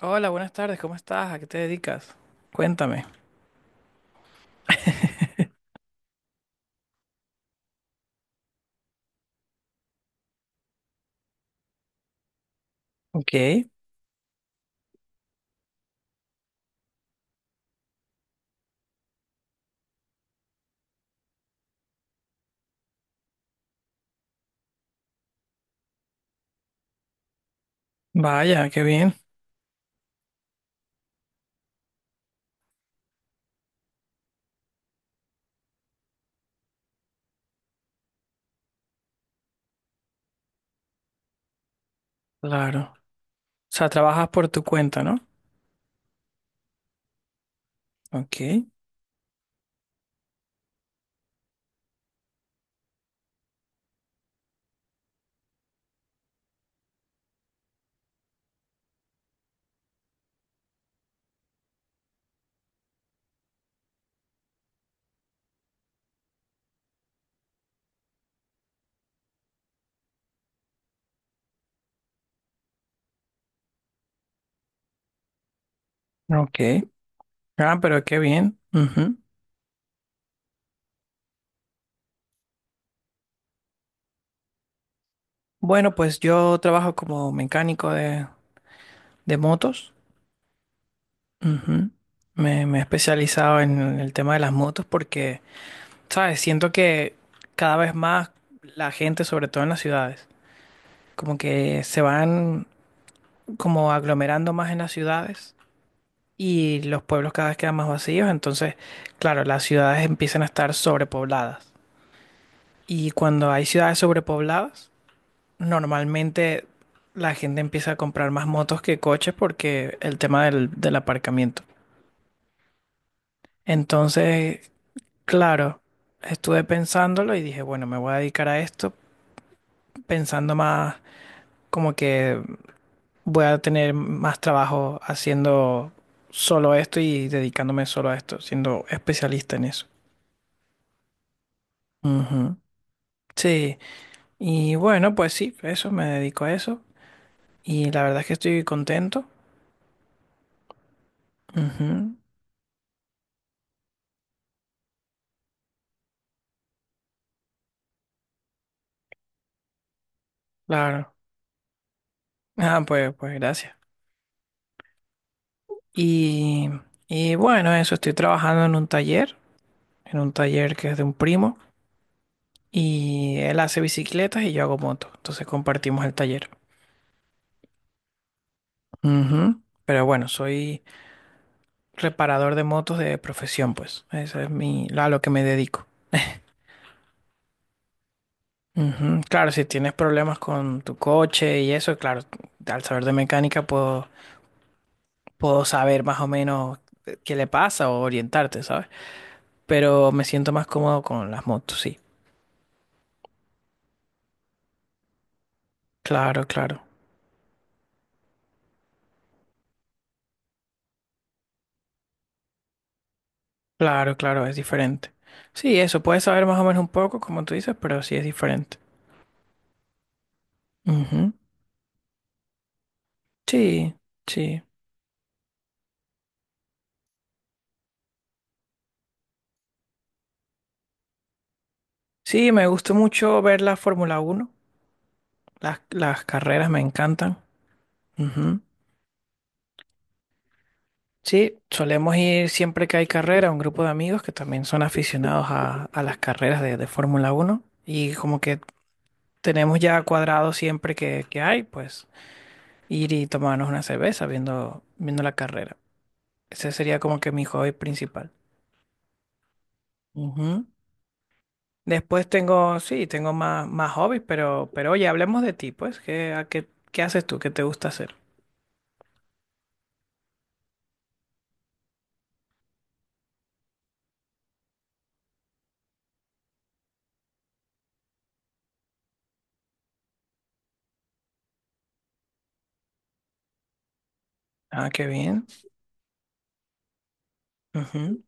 Hola, buenas tardes, ¿cómo estás? ¿A qué te dedicas? Cuéntame. Ok, vaya, qué bien, claro. O sea, trabajas por tu cuenta, ¿no? Ok, ok. Ah, pero qué bien. Ujú. Bueno, pues yo trabajo como mecánico de motos. Ujú. Me he especializado en el tema de las motos porque, ¿sabes? Siento que cada vez más la gente, sobre todo en las ciudades, como que se van como aglomerando más en las ciudades y los pueblos cada vez quedan más vacíos, entonces, claro, las ciudades empiezan a estar sobrepobladas. Y cuando hay ciudades sobrepobladas, normalmente la gente empieza a comprar más motos que coches porque el tema del aparcamiento. Entonces, claro, estuve pensándolo y dije, bueno, me voy a dedicar a esto pensando más como que voy a tener más trabajo haciendo solo esto y dedicándome solo a esto, siendo especialista en eso. Ujú. Sí. Y bueno, pues sí, eso, me dedico a eso. Y la verdad es que estoy contento. Ujú, claro. Ah, pues, pues gracias. Y, y bueno, eso, estoy trabajando en un taller que es de un primo. Y él hace bicicletas y yo hago motos. Entonces compartimos el taller. Ujú. Pero bueno, soy reparador de motos de profesión, pues. Esa es mi, a lo que me dedico. Ujú. Claro, si tienes problemas con tu coche y eso, claro, al saber de mecánica puedo saber más o menos qué le pasa o orientarte, ¿sabes? Pero me siento más cómodo con las motos, sí. Claro, claro, claro, claro, es diferente. Sí, eso, puedes saber más o menos un poco, como tú dices, pero sí es diferente. Ujú. Sí, sí. Sí, me gusta mucho ver la Fórmula Uno. Las carreras me encantan. Ujú. Sí, solemos ir siempre que hay carrera, un grupo de amigos que también son aficionados a las carreras de Fórmula Uno y como que tenemos ya cuadrado siempre que hay, pues ir y tomarnos una cerveza viendo, viendo la carrera. Ese sería como que mi hobby principal. Ujú. Después tengo, sí, tengo más, más hobbies, pero oye, hablemos de ti, pues, ¿qué, a qué, qué haces tú? ¿Qué te gusta hacer? Ah, qué bien. Ujú.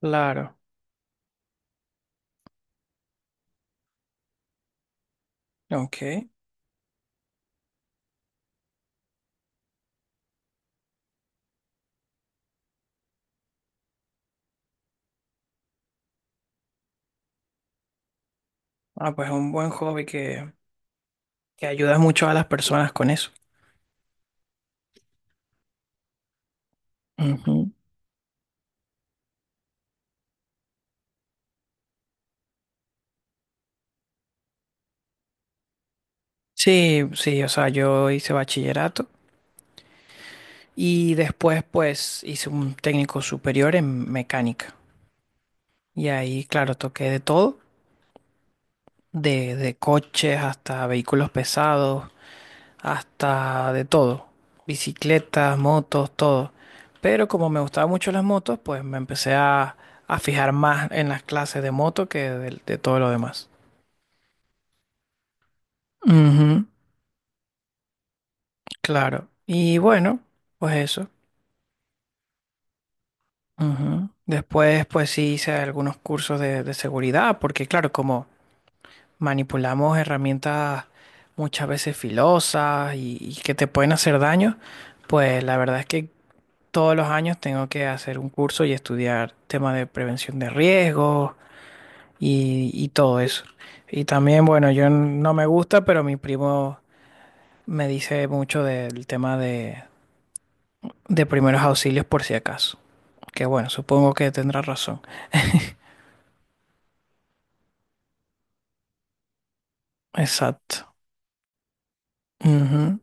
Claro. Ok. Ah, pues un buen hobby que ayudas mucho a las personas con eso. Ujú. Sí, sí, o sea, yo hice bachillerato y después pues hice un técnico superior en mecánica. Y ahí, claro, toqué de todo, de coches hasta vehículos pesados, hasta de todo, bicicletas, motos, todo. Pero como me gustaban mucho las motos, pues me empecé a fijar más en las clases de moto que de todo lo demás. Ujú, Claro. Y bueno, pues eso. Ujú. Después, pues sí hice algunos cursos de seguridad, porque claro, como manipulamos herramientas muchas veces filosas y que te pueden hacer daño, pues la verdad es que todos los años tengo que hacer un curso y estudiar temas de prevención de riesgos y todo eso. Y también, bueno, yo no me gusta, pero mi primo me dice mucho del tema de primeros auxilios por si acaso. Que bueno, supongo que tendrá razón. Exacto. Ujú.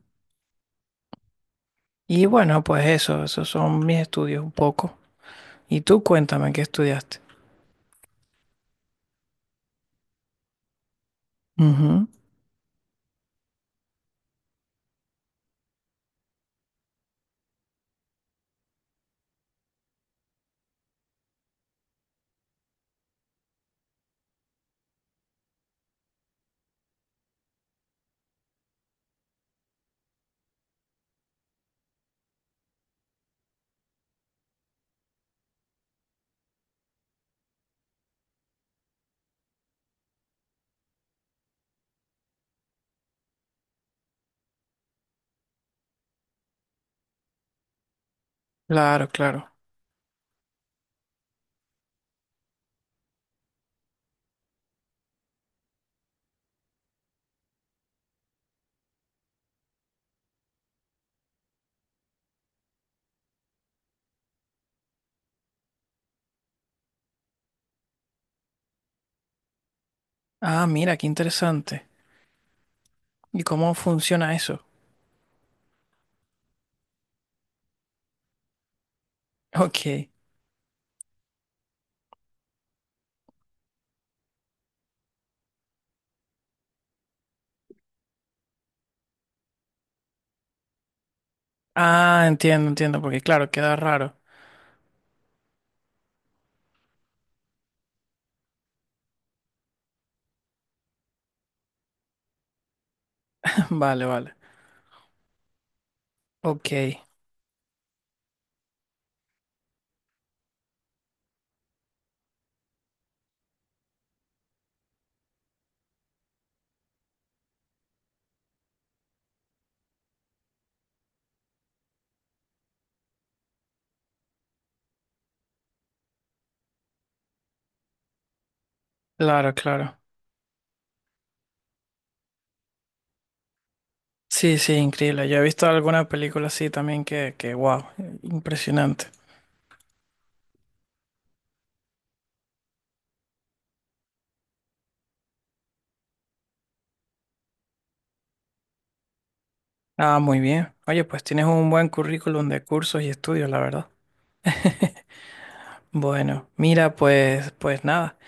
Y bueno, pues eso, esos son mis estudios un poco. Y tú cuéntame qué estudiaste. Ujú. Claro, claro. Ah, mira, qué interesante. ¿Y cómo funciona eso? Ok. Ah, entiendo, entiendo, porque claro, queda raro. Vale, vale. Ok. Claro, claro. Sí, sí, increíble. Yo he visto alguna película así también que, wow, impresionante. Ah, muy bien. Oye, pues tienes un buen currículum de cursos y estudios, la verdad. Bueno, mira, pues, pues nada.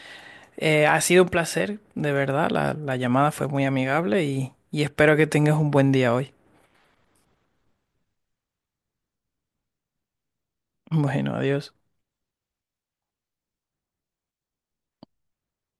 Ha sido un placer, de verdad. La llamada fue muy amigable y espero que tengas un buen día hoy. Bueno, adiós.